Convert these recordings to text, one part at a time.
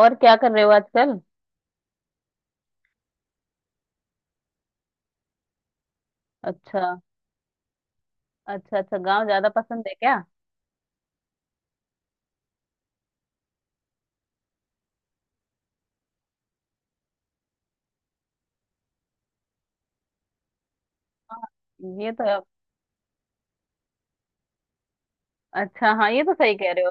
और क्या कर रहे हो आजकल? अच्छा। अच्छा, अच्छा, गांव ज्यादा पसंद है क्या? ये तो आप- अच्छा, हाँ, ये तो सही कह रहे हो।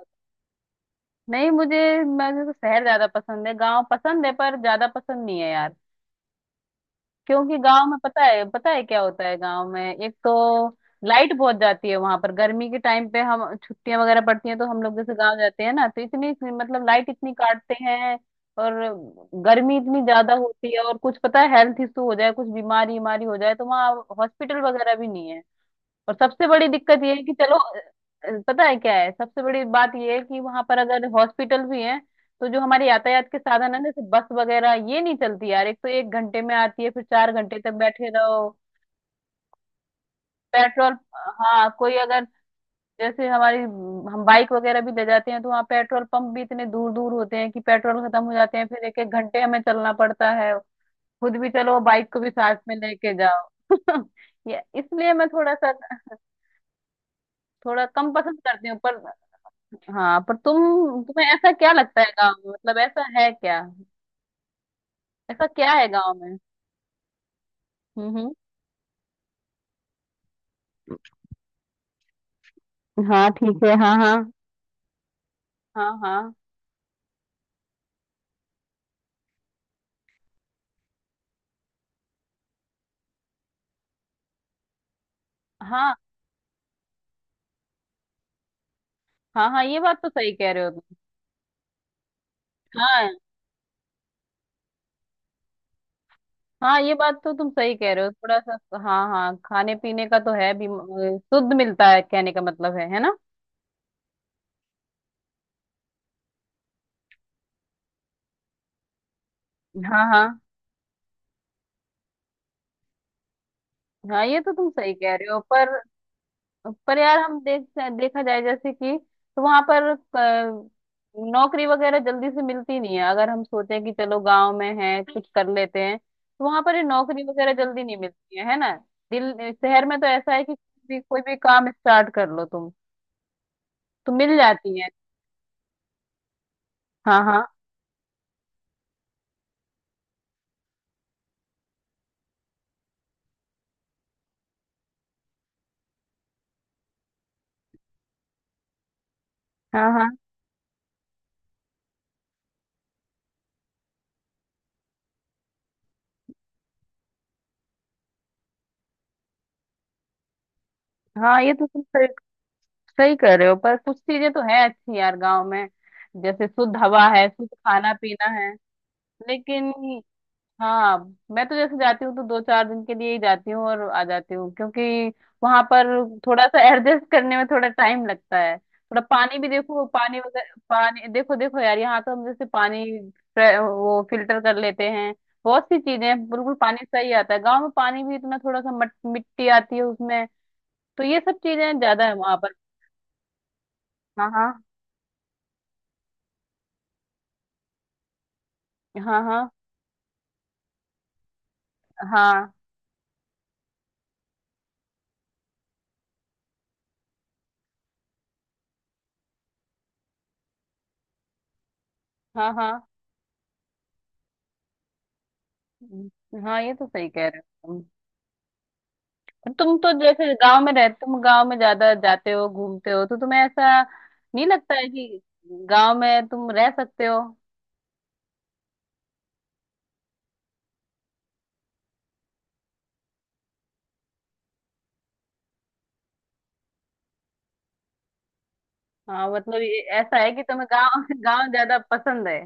नहीं। मुझे मुझे तो शहर ज्यादा पसंद है, गांव पसंद है पर ज्यादा पसंद नहीं है यार। क्योंकि गांव में पता है, पता है क्या होता है गांव में? एक तो लाइट बहुत जाती है वहां पर। गर्मी के टाइम पे हम छुट्टियां वगैरह पड़ती हैं तो हम लोग जैसे गांव जाते हैं ना तो इतनी, मतलब, लाइट इतनी काटते हैं। और गर्मी इतनी ज्यादा होती है, और कुछ पता है, हेल्थ इशू हो जाए, कुछ बीमारी बीमारी हो जाए तो वहाँ हॉस्पिटल वगैरह भी नहीं है। और सबसे बड़ी दिक्कत ये है कि चलो, पता है क्या है, सबसे बड़ी बात ये है कि वहां पर अगर हॉस्पिटल भी हैं तो जो हमारे यातायात के साधन है ना, जैसे बस वगैरह, ये नहीं चलती यार। एक तो एक घंटे में आती है, फिर चार घंटे तक बैठे रहो। पेट्रोल। हाँ, कोई अगर, जैसे हमारी, हम बाइक वगैरह भी ले जाते हैं तो वहाँ पेट्रोल पंप भी इतने दूर दूर होते हैं कि पेट्रोल खत्म हो जाते हैं, फिर एक एक घंटे हमें चलना पड़ता है। खुद भी चलो, बाइक को भी साथ में लेके जाओ। ये इसलिए मैं थोड़ा सा, थोड़ा कम पसंद करती हूँ पर। हाँ, पर तुम्हें ऐसा क्या लगता है गाँव में, मतलब ऐसा है क्या? ऐसा क्या है गाँव में? हम्म, हम्म, हाँ, ठीक है, हाँ, हाँ, हाँ, हाँ, हाँ, हाँ, हाँ ये बात तो सही कह रहे हो तुम। हाँ, हाँ, ये बात तो तुम सही कह रहे हो थोड़ा सा। हाँ, हाँ, खाने पीने का तो है भी शुद्ध मिलता है, कहने का मतलब है ना। हाँ, हाँ, हाँ, ये तो तुम सही कह रहे हो पर यार हम देख, देखा जाए जैसे कि, तो वहां पर नौकरी वगैरह जल्दी से मिलती नहीं है, अगर हम सोचें कि चलो गांव में है कुछ कर लेते हैं, तो वहां पर ये नौकरी वगैरह जल्दी नहीं मिलती है ना। दिल शहर में तो ऐसा है कि कोई भी, कोई भी काम स्टार्ट कर लो तुम तो मिल जाती है। हाँ, हाँ, हाँ, हाँ, हाँ, ये तो तुम सही कर रहे हो, पर कुछ चीजें तो है अच्छी यार गांव में। जैसे शुद्ध हवा है, शुद्ध खाना पीना है। लेकिन। हाँ। मैं तो जैसे जाती हूँ तो दो चार दिन के लिए ही जाती हूँ और आ जाती हूँ, क्योंकि वहां पर थोड़ा सा एडजस्ट करने में थोड़ा टाइम लगता है। थोड़ा पानी भी, देखो, पानी वगैरह, पानी, देखो, देखो यार, यहाँ तो हम जैसे पानी वो फिल्टर कर लेते हैं। बहुत सी चीजें हैं, बिल्कुल। पानी सही आता है, गाँव में पानी भी इतना थोड़ा सा मिट्टी आती है उसमें, तो ये सब चीजें ज्यादा है वहां पर। हाँ, हाँ, हाँ, हाँ, हाँ, हाँ, हाँ, हाँ, ये तो सही कह रहे हो तुम। तुम तो जैसे गांव में रहते, तुम गांव में ज्यादा जाते हो, घूमते हो, तो तुम्हें ऐसा नहीं लगता है कि गांव में तुम रह सकते हो? हाँ, मतलब ये ऐसा है कि तुम्हें गांव गांव ज्यादा पसंद है।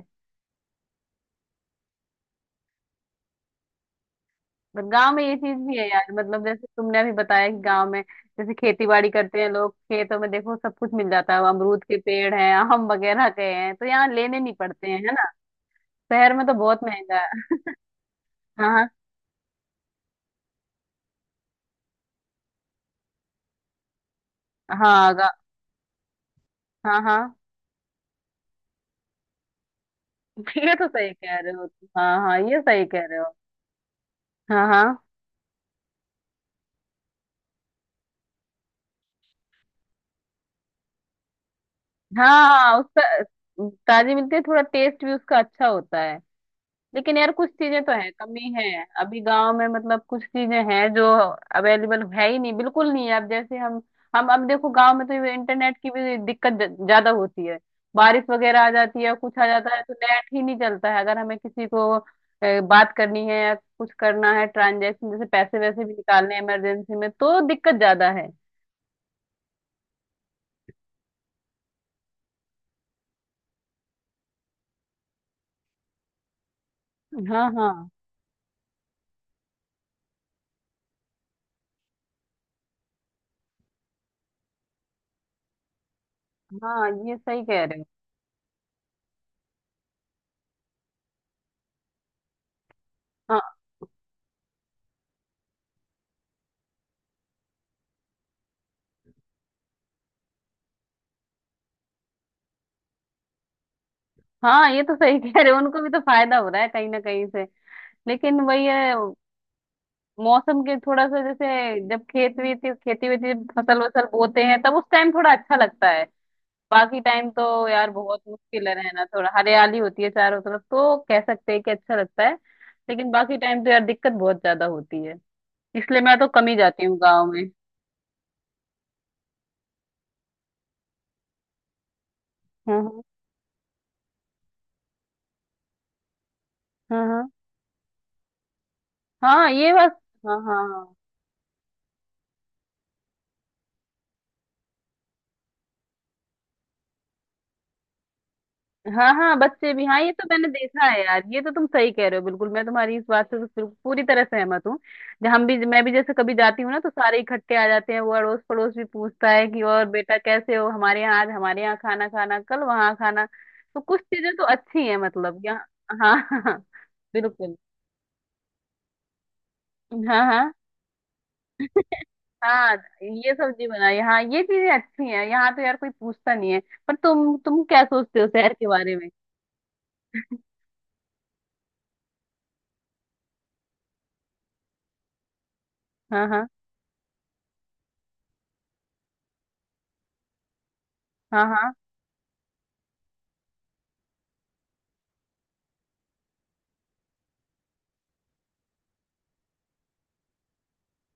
पर गांव में ये चीज भी है यार, मतलब जैसे तुमने अभी बताया कि गांव में जैसे खेती बाड़ी करते हैं लोग, खेतों में देखो सब कुछ मिल जाता है, अमरूद के पेड़ हैं, आम वगैरह के हैं, तो यहाँ लेने नहीं पड़ते हैं, है ना। शहर में तो बहुत महंगा है। हाँ, हाँ, हाँ, हाँ, हाँ, ये तो सही कह रहे हो तुम। हाँ, हाँ, ये सही कह रहे हो। हाँ, हाँ, हाँ, हाँ, उसका, ताजी मिलती है, थोड़ा टेस्ट भी उसका अच्छा होता है। लेकिन यार कुछ चीजें तो है, कमी है अभी गांव में, मतलब कुछ चीजें हैं जो अवेलेबल है ही नहीं, बिल्कुल नहीं है। अब जैसे हम अब देखो, गांव में तो इंटरनेट की भी दिक्कत ज्यादा होती है। बारिश वगैरह आ जाती है, कुछ आ जाता है, तो नेट ही नहीं चलता है। अगर हमें किसी को बात करनी है या कुछ करना है, ट्रांजेक्शन जैसे, पैसे वैसे भी निकालने हैं इमरजेंसी में, तो दिक्कत ज्यादा है। हाँ, हाँ, हाँ, ये सही कह रहे हो। हाँ, ये तो सही कह रहे हो, उनको भी तो फायदा हो रहा है कहीं ना कहीं से। लेकिन वही है, मौसम के थोड़ा सा जैसे, जब खेत वीत, खेती वेती, जब फसल वसल बोते हैं, तब उस टाइम थोड़ा अच्छा लगता है। बाकी टाइम तो यार बहुत मुश्किल है रहना। थोड़ा हरियाली होती है चारों तरफ तो कह सकते हैं कि अच्छा लगता है। लेकिन बाकी टाइम तो यार दिक्कत बहुत ज्यादा होती है। इसलिए मैं तो कम ही जाती हूँ गाँव में। हाँ, हाँ, हाँ, हाँ, हाँ, ये बस। हाँ, हाँ, हाँ। हाँ, हाँ, बच्चे भी, हाँ, ये तो मैंने देखा है यार, ये तो तुम सही कह रहे हो, बिल्कुल, मैं तुम्हारी इस बात से पूरी तरह सहमत हूँ। जब हम भी, मैं भी जैसे कभी जाती हूँ ना तो सारे इकट्ठे आ जाते हैं, वो अड़ोस पड़ोस भी पूछता है कि और बेटा कैसे हो, हमारे यहाँ आज, हमारे यहाँ खाना खाना, कल वहाँ खाना। तो कुछ चीजें तो अच्छी है मतलब यहाँ। हाँ, हाँ, बिल्कुल। हाँ, हाँ, हाँ, ये सब्जी बनाई, हाँ, ये चीजें अच्छी हैं, यहाँ तो यार कोई पूछता नहीं है। पर तुम क्या सोचते हो शहर के बारे में? हाँ, हाँ, हाँ, हाँ,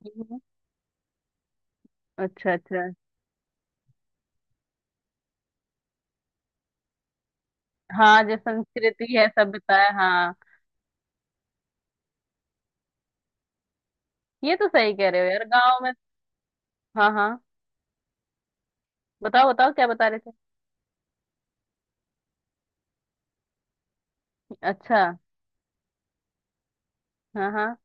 हम्म, हम्म। अच्छा, अच्छा। हाँ, जो संस्कृति है, सभ्यता है, हाँ। ये तो सही कह रहे हो यार, गांव में। हाँ, हाँ, बताओ बताओ क्या बता रहे थे। अच्छा, हाँ, हाँ,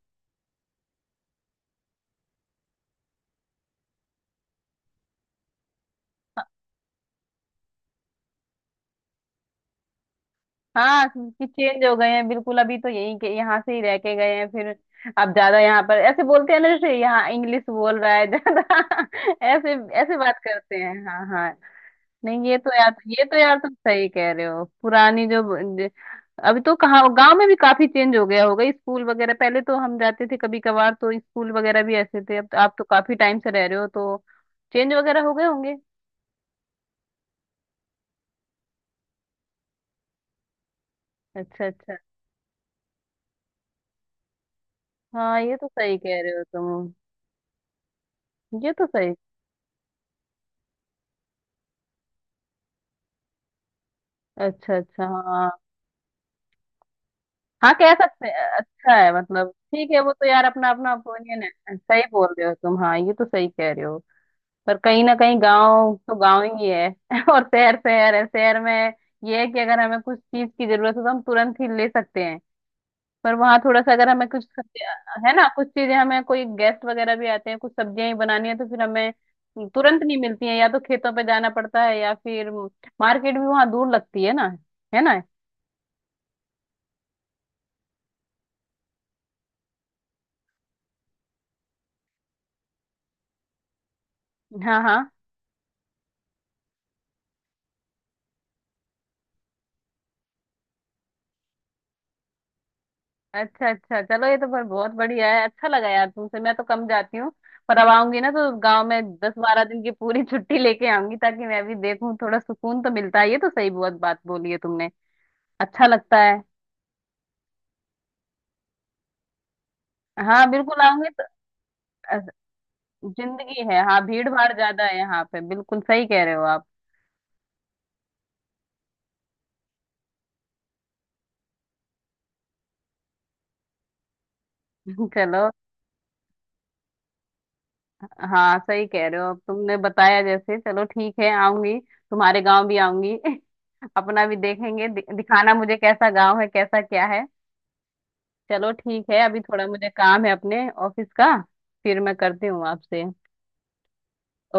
हाँ, कि चेंज हो गए हैं, बिल्कुल, अभी तो यही के यहाँ से ही रह के गए हैं फिर। अब ज्यादा यहाँ पर ऐसे बोलते हैं ना, जैसे यहाँ इंग्लिश बोल रहा है ज्यादा, ऐसे, ऐसे बात करते हैं, हाँ, हाँ। नहीं, ये तो यार तुम सही कह रहे हो, पुरानी जो, ज- अभी तो कहाँ, गांव में भी काफी चेंज हो गया होगा, स्कूल वगैरह, पहले तो हम जाते थे कभी कभार, तो स्कूल वगैरह भी ऐसे थे, अब तो आप तो काफी टाइम से रह रहे हो, तो चेंज वगैरह हो गए होंगे। अच्छा, अच्छा, हाँ, ये तो सही कह रहे हो तुम। ये तो सही। अच्छा, अच्छा, हाँ, हाँ, कह सकते हैं अच्छा है, मतलब ठीक है, वो तो यार अपना अपना ओपिनियन है, सही बोल रहे हो तुम, हाँ, ये तो सही कह रहे हो। पर कहीं ना कहीं गांव तो गांव ही है और शहर शहर है। शहर में ये है कि अगर हमें कुछ चीज की जरूरत हो तो हम तुरंत ही ले सकते हैं। पर वहां थोड़ा सा, अगर हमें कुछ है ना, कुछ चीजें, हमें कोई गेस्ट वगैरह भी आते हैं, कुछ सब्जियां ही बनानी है, तो फिर हमें तुरंत नहीं मिलती है, या तो खेतों पे जाना पड़ता है, या फिर मार्केट भी वहां दूर लगती है ना, है ना। हाँ, हाँ। अच्छा, अच्छा, चलो, ये तो पर बहुत बढ़िया है, अच्छा लगा यार तुमसे। मैं तो कम जाती हूँ, पर अब आऊंगी ना तो गांव में 10-12 दिन की पूरी छुट्टी लेके आऊंगी, ताकि मैं भी देखूं, थोड़ा सुकून तो मिलता है, ये तो सही, बहुत बात बोली है तुमने, अच्छा लगता है। हाँ, बिल्कुल आऊंगी तो अ, जिंदगी है, हाँ, भीड़ भाड़ ज्यादा है यहाँ पे, बिल्कुल सही कह रहे हो आप। चलो, हाँ, सही कह रहे हो, अब तुमने बताया जैसे, चलो ठीक है, आऊंगी। तुम्हारे गाँव भी आऊंगी। अपना भी देखेंगे, दिखाना मुझे कैसा गाँव है, कैसा क्या है। चलो ठीक है, अभी थोड़ा मुझे काम है अपने ऑफिस का, फिर मैं करती हूँ आपसे।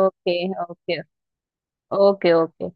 Okay, okay, okay, okay.